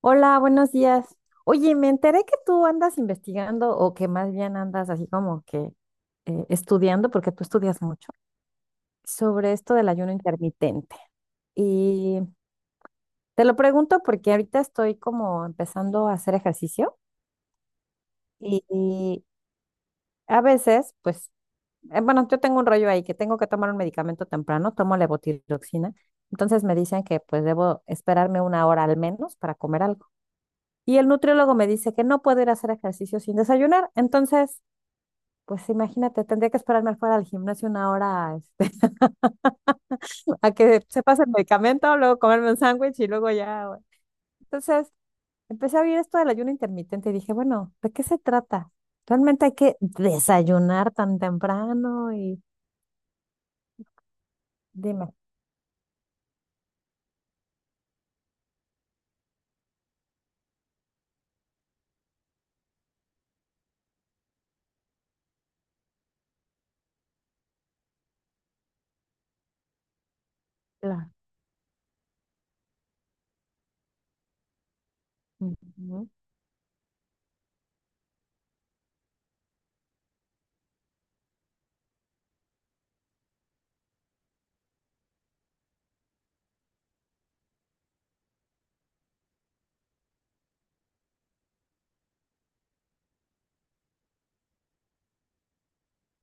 Hola, buenos días. Oye, me enteré que tú andas investigando o que más bien andas así como que estudiando, porque tú estudias mucho, sobre esto del ayuno intermitente. Y te lo pregunto porque ahorita estoy como empezando a hacer ejercicio y a veces, pues, bueno, yo tengo un rollo ahí que tengo que tomar un medicamento temprano, tomo levotiroxina, entonces me dicen que pues debo esperarme una hora al menos para comer algo. Y el nutriólogo me dice que no puedo ir a hacer ejercicio sin desayunar. Entonces, pues imagínate, tendría que esperarme fuera del gimnasio una hora a que se pase el medicamento, luego comerme un sándwich y luego ya, bueno. Entonces, empecé a ver esto del ayuno intermitente y dije, bueno, ¿de qué se trata? Realmente hay que desayunar tan temprano y dime. la- Ujú.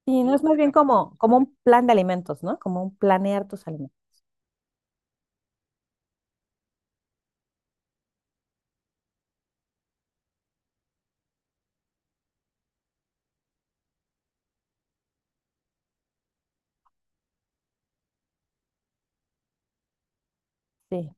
Y no es más bien como un plan de alimentos, ¿no? Como un planear tus alimentos. Sí.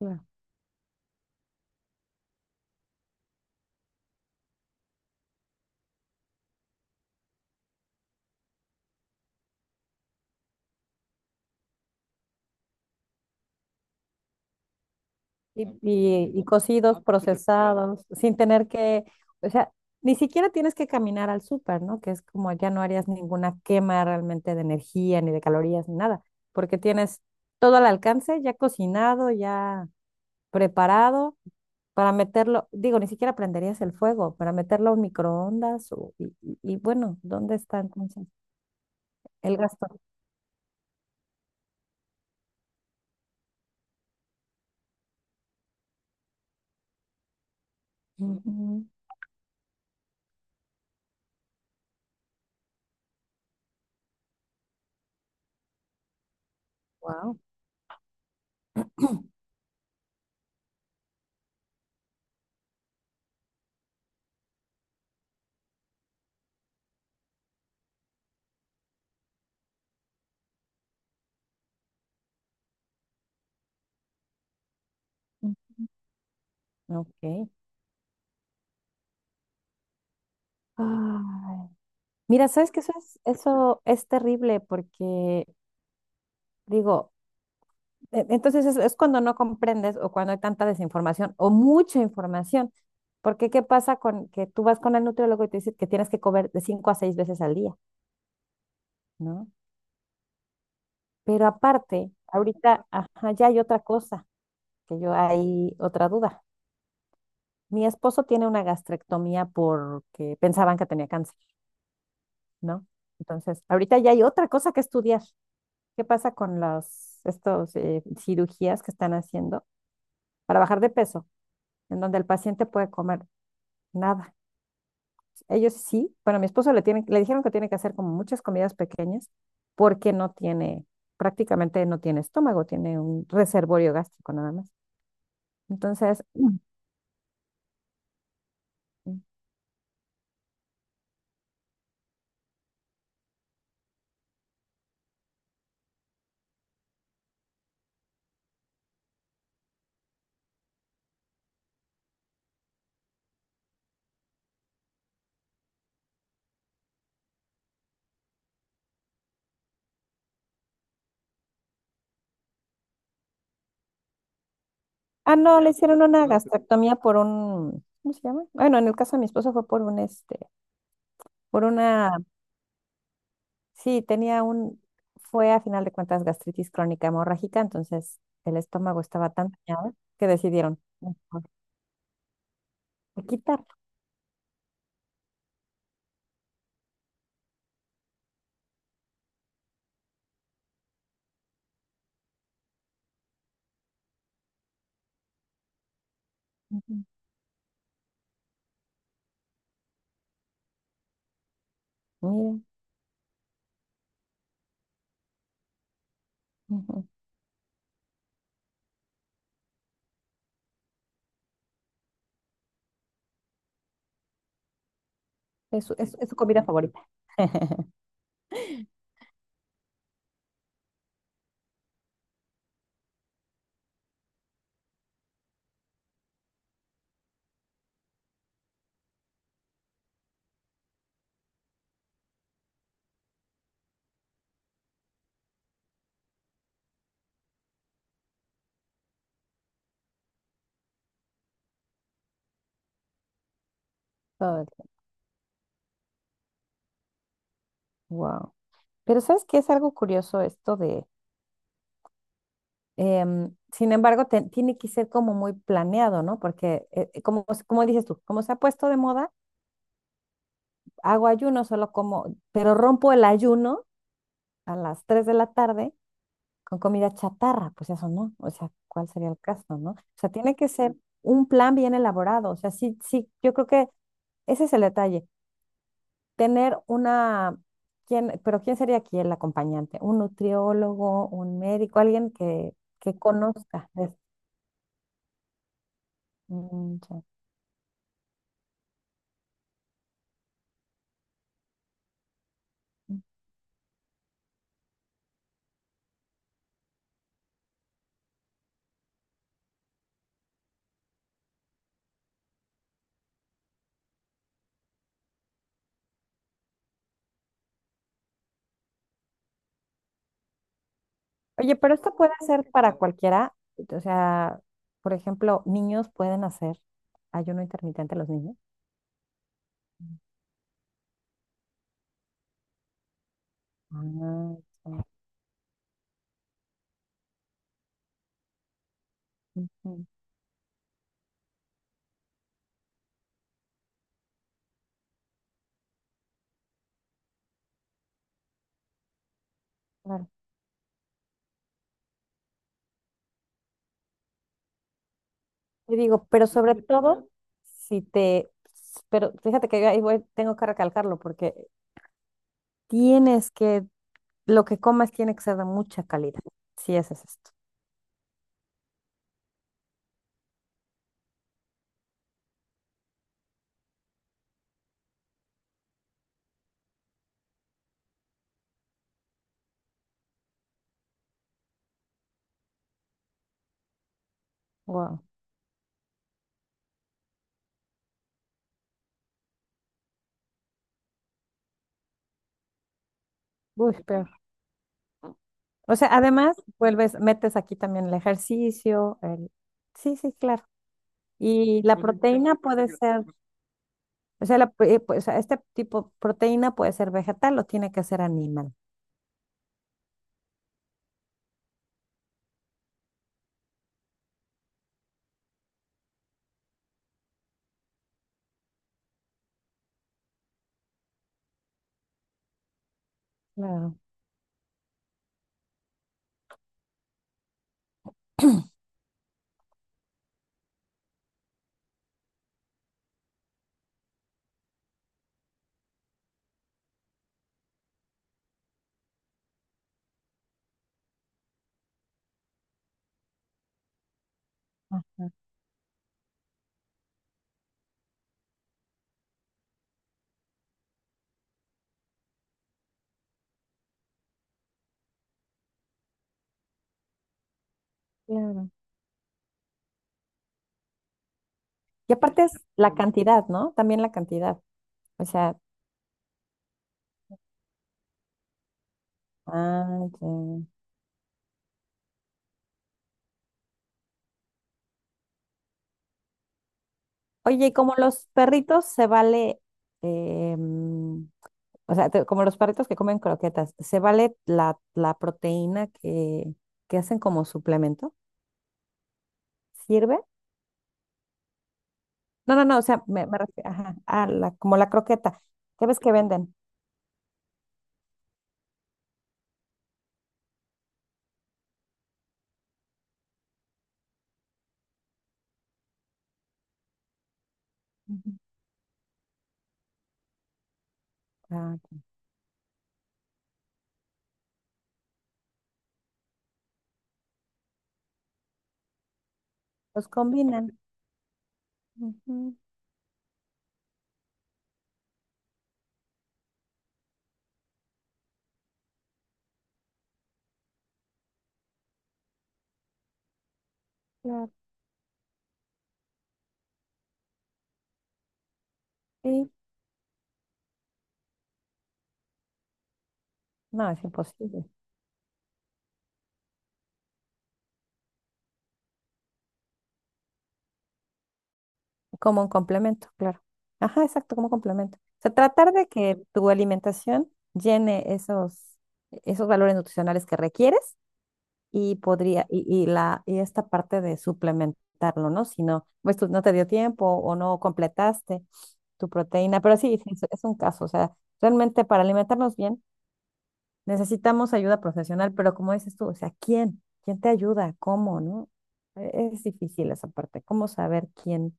Ujú. Y cocidos, procesados, sin tener que, o sea, ni siquiera tienes que caminar al súper, ¿no? Que es como ya no harías ninguna quema realmente de energía, ni de calorías, ni nada, porque tienes todo al alcance, ya cocinado, ya preparado, para meterlo, digo, ni siquiera prenderías el fuego, para meterlo a un microondas, y bueno, ¿dónde está entonces el gasto? Wow. Ok. Ay, mira, eso es terrible porque, digo, entonces es cuando no comprendes o cuando hay tanta desinformación o mucha información. Porque, ¿qué pasa con que tú vas con el nutriólogo y te dice que tienes que comer de cinco a seis veces al día? ¿No? Pero aparte, ahorita, ajá, ya hay otra cosa, que yo hay otra duda. Mi esposo tiene una gastrectomía porque pensaban que tenía cáncer, ¿no? Entonces, ahorita ya hay otra cosa que estudiar. ¿Qué pasa con las estos cirugías que están haciendo para bajar de peso, en donde el paciente puede comer nada? Ellos sí, bueno, a mi esposo le dijeron que tiene que hacer como muchas comidas pequeñas porque prácticamente no tiene estómago, tiene un reservorio gástrico nada más. Entonces, mm. Ah, no, le hicieron una gastrectomía por un, ¿cómo se llama? Bueno, en el caso de mi esposo fue por un por una. Sí, tenía un, fue a final de cuentas gastritis crónica hemorrágica, entonces el estómago estaba tan dañado que decidieron "No, mejor quitarlo." Ujú. Mira, ujú. Es su comida favorita. Todo el tiempo. Wow. Pero, ¿sabes qué? Es algo curioso esto de, sin embargo, tiene que ser como muy planeado, ¿no? Porque, como dices tú, como se ha puesto de moda, hago ayuno, solo como, pero rompo el ayuno a las 3 de la tarde con comida chatarra, pues eso no, o sea, ¿cuál sería el caso? ¿No? O sea, tiene que ser un plan bien elaborado, o sea, sí, sí, yo creo que ese es el detalle, tener una, pero ¿quién sería aquí el acompañante? ¿Un nutriólogo, un médico, alguien que, conozca? Mm, ya. Oye, pero esto puede ser para cualquiera, o sea, por ejemplo, niños pueden hacer ayuno intermitente los niños. Ah, ya. Ujú, claro. Y digo, pero sobre todo, si te, pero fíjate que yo ahí tengo que recalcarlo porque tienes que, lo que comas tiene que ser de mucha calidad, si ese es esto. Wow. Uy, peor. O sea, además, metes aquí también el ejercicio, el. Sí, sí, claro. Y la Pues, proteína entonces, puede ser, o sea, pues, o sea, este tipo de proteína puede ser vegetal o tiene que ser animal. Claro, ajá, claro. Y aparte es la cantidad, ¿no? También la cantidad. O sea, ah, ya. Oye, ¿y como los perritos se vale, em, o sea, como los perritos que comen croquetas, se vale la proteína que hacen como suplemento? ¿Sirve? No, no, no, o sea, me refiero, ajá, como la croqueta, ¿qué ves que venden? Ujú. Ah, ya. Los combinan. Ujú, claro. Sí, no, es imposible. Como un complemento, claro. Ajá, exacto, como complemento. O sea, tratar de que tu alimentación llene esos valores nutricionales que requieres y podría, y la, y esta parte de suplementarlo, ¿no? Si no, pues tú no te dio tiempo o no completaste tu proteína, pero sí, sí, es un caso. O sea, realmente para alimentarnos bien necesitamos ayuda profesional, pero como dices tú, o sea, ¿quién? ¿Quién te ayuda? ¿Cómo? ¿No? Es difícil esa parte, cómo saber quién.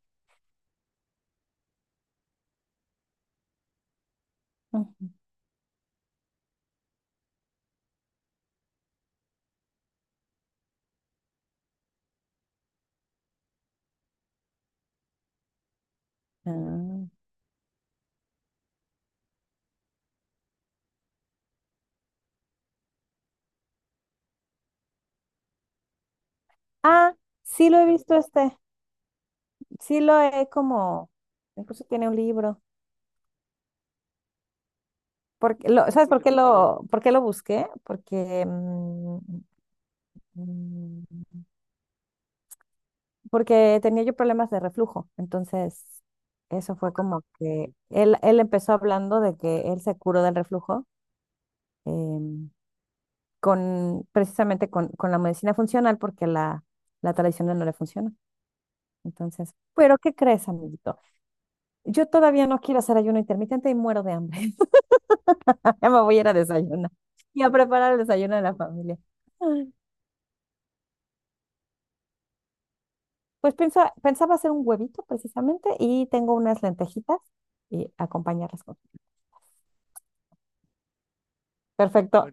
Ujú. Ah. Ah, sí lo he visto sí lo he como, incluso tiene un libro. Porque ¿sabes por qué lo busqué? Mm, porque tenía yo problemas de reflujo. Entonces, eso fue como que él empezó hablando de que él se curó del reflujo em, precisamente con la medicina funcional porque la tradicional no le funciona. Entonces, ¿pero qué crees, amiguito? Yo todavía no quiero hacer ayuno intermitente y muero de hambre. Ya me voy a ir a desayunar y a preparar el desayuno de la familia. Ay, pues pensaba hacer un huevito precisamente y tengo unas lentejitas y acompañarlas con. Perfecto.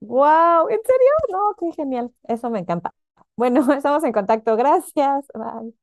¡Wow! ¿En serio? No, qué genial. Eso me encanta. Bueno, estamos en contacto. Gracias. Bye.